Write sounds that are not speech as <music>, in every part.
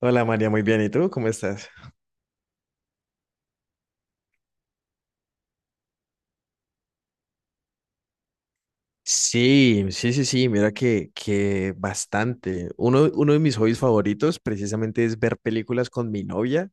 Hola María, muy bien. ¿Y tú? ¿Cómo estás? Sí, sí, sí, sí, mira que bastante. Uno de mis hobbies favoritos precisamente es ver películas con mi novia,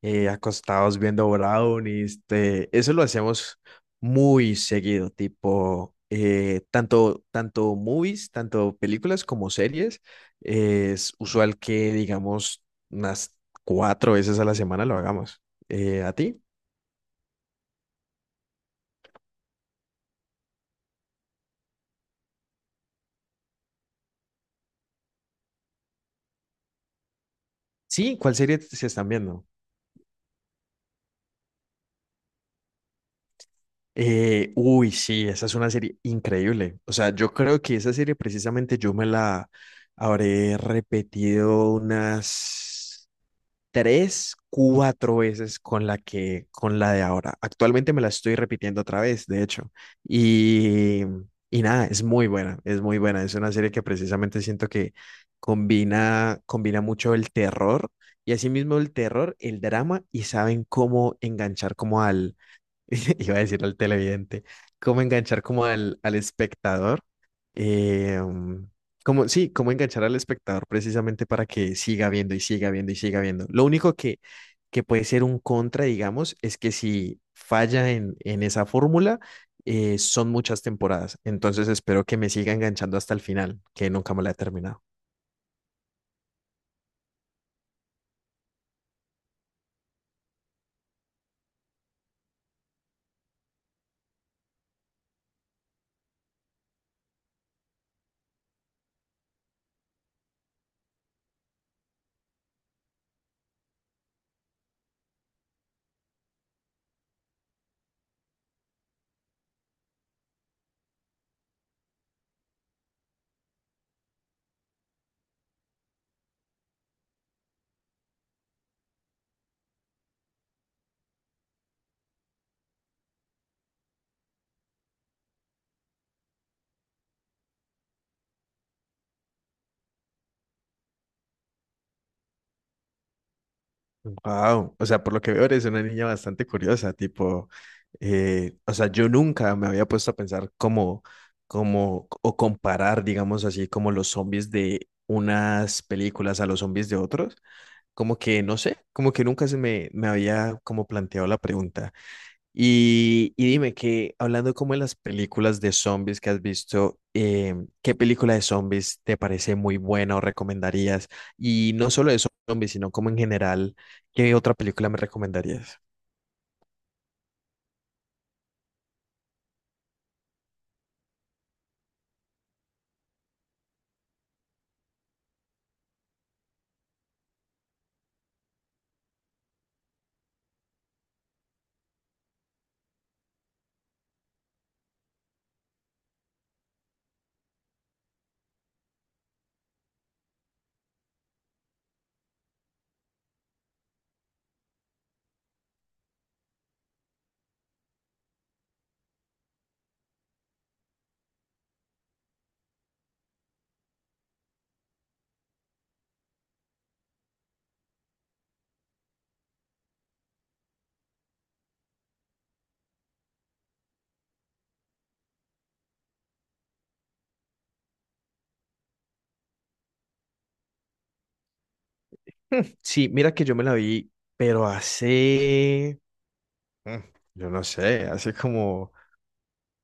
acostados viendo brownies. Este, eso lo hacemos muy seguido, tipo, tanto movies, tanto películas como series. Es usual que, digamos, unas cuatro veces a la semana lo hagamos. ¿A ti? Sí, ¿cuál serie se están viendo? Uy, sí, esa es una serie increíble. O sea, yo creo que esa serie precisamente yo me la habré repetido unas tres, cuatro veces con con la de ahora. Actualmente me la estoy repitiendo otra vez, de hecho. Y, y nada, es muy buena, es muy buena. Es una serie que precisamente siento que combina mucho el terror y asimismo el terror, el drama y saben cómo enganchar como al <laughs> Iba a decir al televidente, cómo enganchar como al espectador, eh, um, como, sí, cómo enganchar al espectador precisamente para que siga viendo y siga viendo y siga viendo. Lo único que puede ser un contra, digamos, es que si falla en esa fórmula, son muchas temporadas. Entonces espero que me siga enganchando hasta el final, que nunca me la he terminado. Wow, o sea, por lo que veo eres una niña bastante curiosa, tipo, o sea, yo nunca me había puesto a pensar cómo, o comparar, digamos así, como los zombies de unas películas a los zombies de otros, como que, no sé, como que nunca se me había como planteado la pregunta. Y dime que, hablando como de las películas de zombies que has visto, ¿qué película de zombies te parece muy buena o recomendarías? Y no solo de zombies, sino como en general, ¿qué otra película me recomendarías? <laughs> Sí, mira que yo me la vi, pero hace, hmm, yo no sé, hace como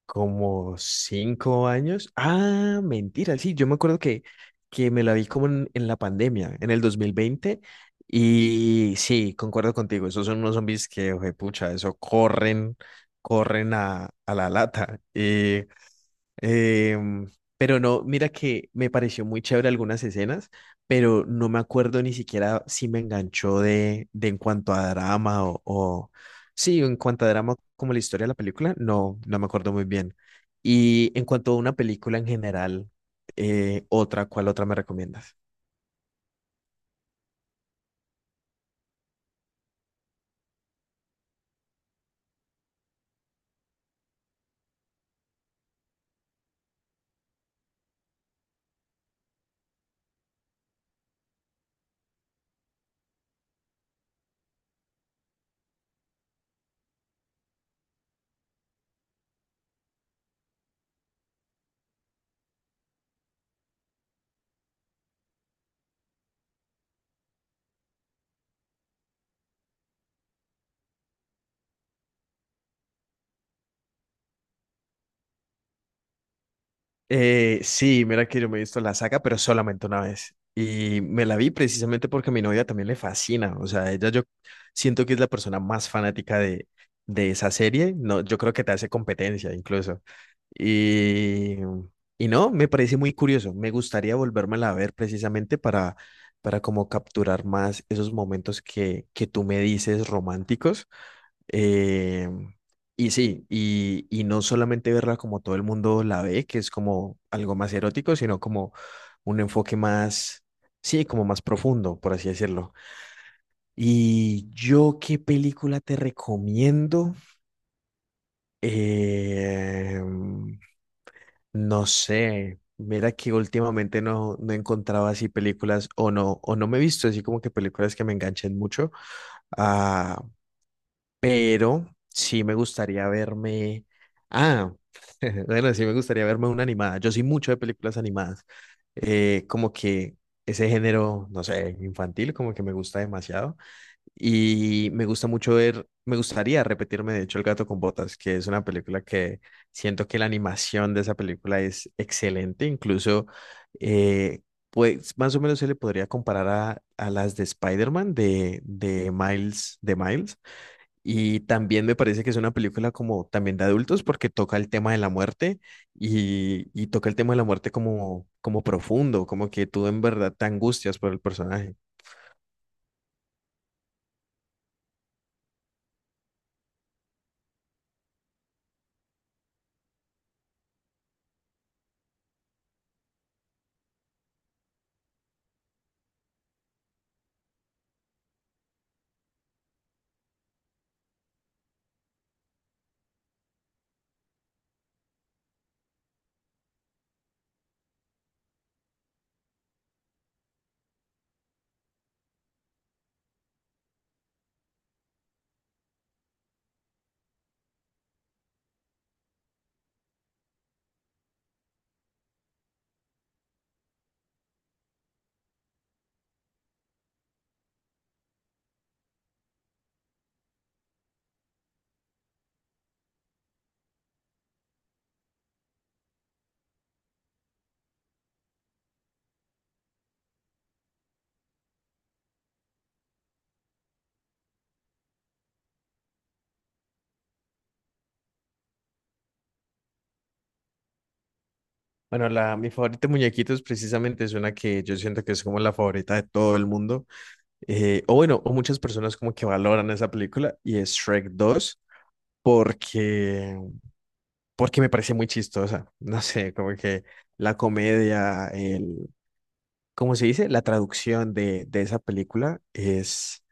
como 5 años. Ah, mentira, sí, yo me acuerdo que me la vi como en la pandemia, en el 2020. Y sí, concuerdo contigo, esos son unos zombies que, pucha, eso corren a la lata. Em, pero no, mira que me pareció muy chévere algunas escenas, pero no me acuerdo ni siquiera si me enganchó de en cuanto a drama o, sí, en cuanto a drama, como la historia de la película, no, no me acuerdo muy bien. Y en cuanto a una película en general, otra, ¿cuál otra me recomiendas? Sí, mira que yo me he visto la saga, pero solamente una vez. Y me la vi precisamente porque a mi novia también le fascina. O sea, ella yo siento que es la persona más fanática de esa serie. No, yo creo que te hace competencia incluso. Y, y no, me parece muy curioso. Me gustaría volvérmela a ver precisamente para como capturar más esos momentos que tú me dices románticos eh, y sí, y no solamente verla como todo el mundo la ve, que es como algo más erótico, sino como un enfoque más, sí, como más profundo, por así decirlo. ¿Y yo qué película te recomiendo? Eh, no sé. Mira que últimamente no, no encontraba así películas o no me he visto así como que películas que me enganchen mucho. ah, Pero sí me gustaría verme. Ah, <laughs> bueno, sí me gustaría verme una animada. Yo soy mucho de películas animadas. Como que ese género, no sé, infantil, como que me gusta demasiado. Y me gustaría repetirme, de hecho, El gato con botas, que es una película que siento que la animación de esa película es excelente. Incluso, eh, pues más o menos se le podría comparar a las de Spider-Man, de Miles, y también me parece que es una película como también de adultos porque toca el tema de la muerte y toca el tema de la muerte como como profundo, como que tú en verdad te angustias por el personaje. Bueno, mi favorita de muñequitos precisamente es una que yo siento que es como la favorita de todo el mundo. O bueno, o muchas personas como que valoran esa película y es Shrek 2 porque, porque me parece muy chistosa. <laughs> No sé, como que la comedia, como se dice, la traducción de esa película es,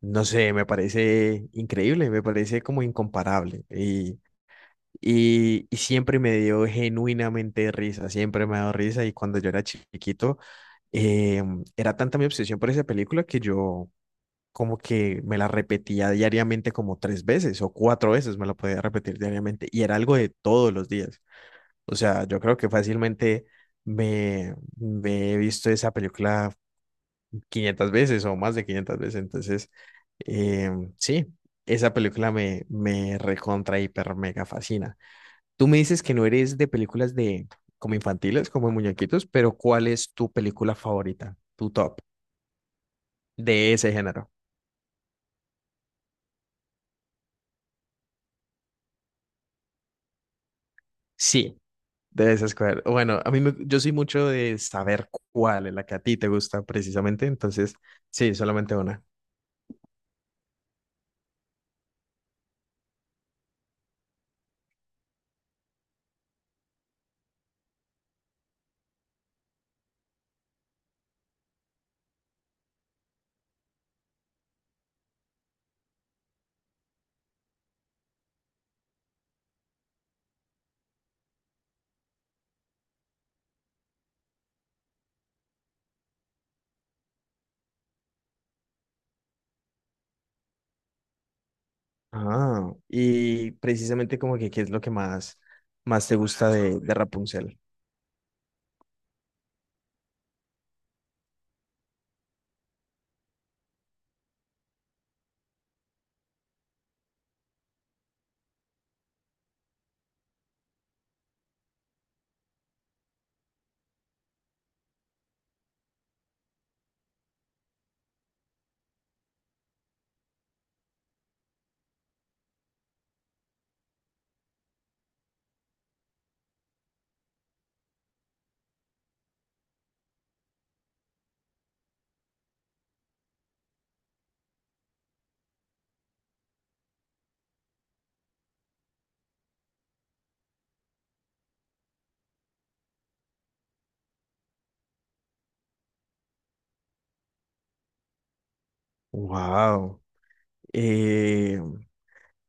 no sé, me parece increíble, me parece como incomparable. Y siempre me dio genuinamente risa, siempre me ha dado risa. Y cuando yo era chiquito, eh, era tanta mi obsesión por esa película que yo como que me la repetía diariamente como tres veces o cuatro veces me la podía repetir diariamente. Y era algo de todos los días. O sea, yo creo que fácilmente... me he visto esa película 500 veces o más de 500 veces. Entonces, eh, sí, esa película me recontra, hiper, mega fascina. Tú me dices que no eres de películas de como infantiles, como de muñequitos, pero ¿cuál es tu película favorita, tu top de ese género? Sí, de esas escoger. Bueno, yo soy mucho de saber cuál es la que a ti te gusta precisamente, entonces sí, solamente una. Ah, y precisamente como que qué es lo que más te gusta de Rapunzel. Wow, eh,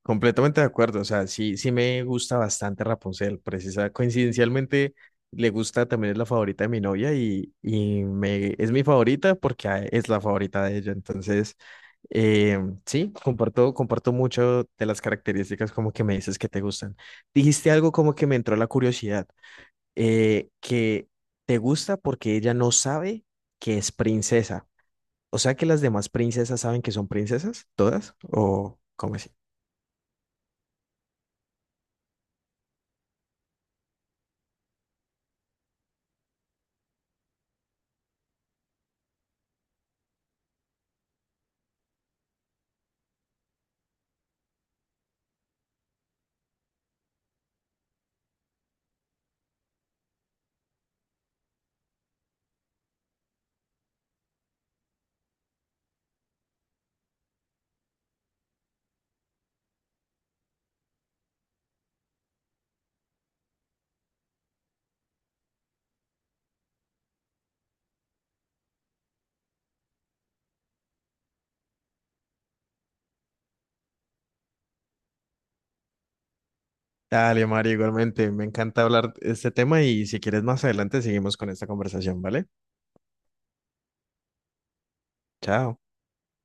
completamente de acuerdo. O sea, sí, sí me gusta bastante Rapunzel. Coincidencialmente le gusta también es la favorita de mi novia y me es mi favorita porque es la favorita de ella. Entonces, eh, sí, comparto mucho de las características como que me dices que te gustan. Dijiste algo como que me entró la curiosidad, que te gusta porque ella no sabe que es princesa. O sea que las demás princesas saben que son princesas, todas, o cómo así. Dale, Mario, igualmente, me encanta hablar de este tema y si quieres más adelante seguimos con esta conversación, ¿vale? Chao.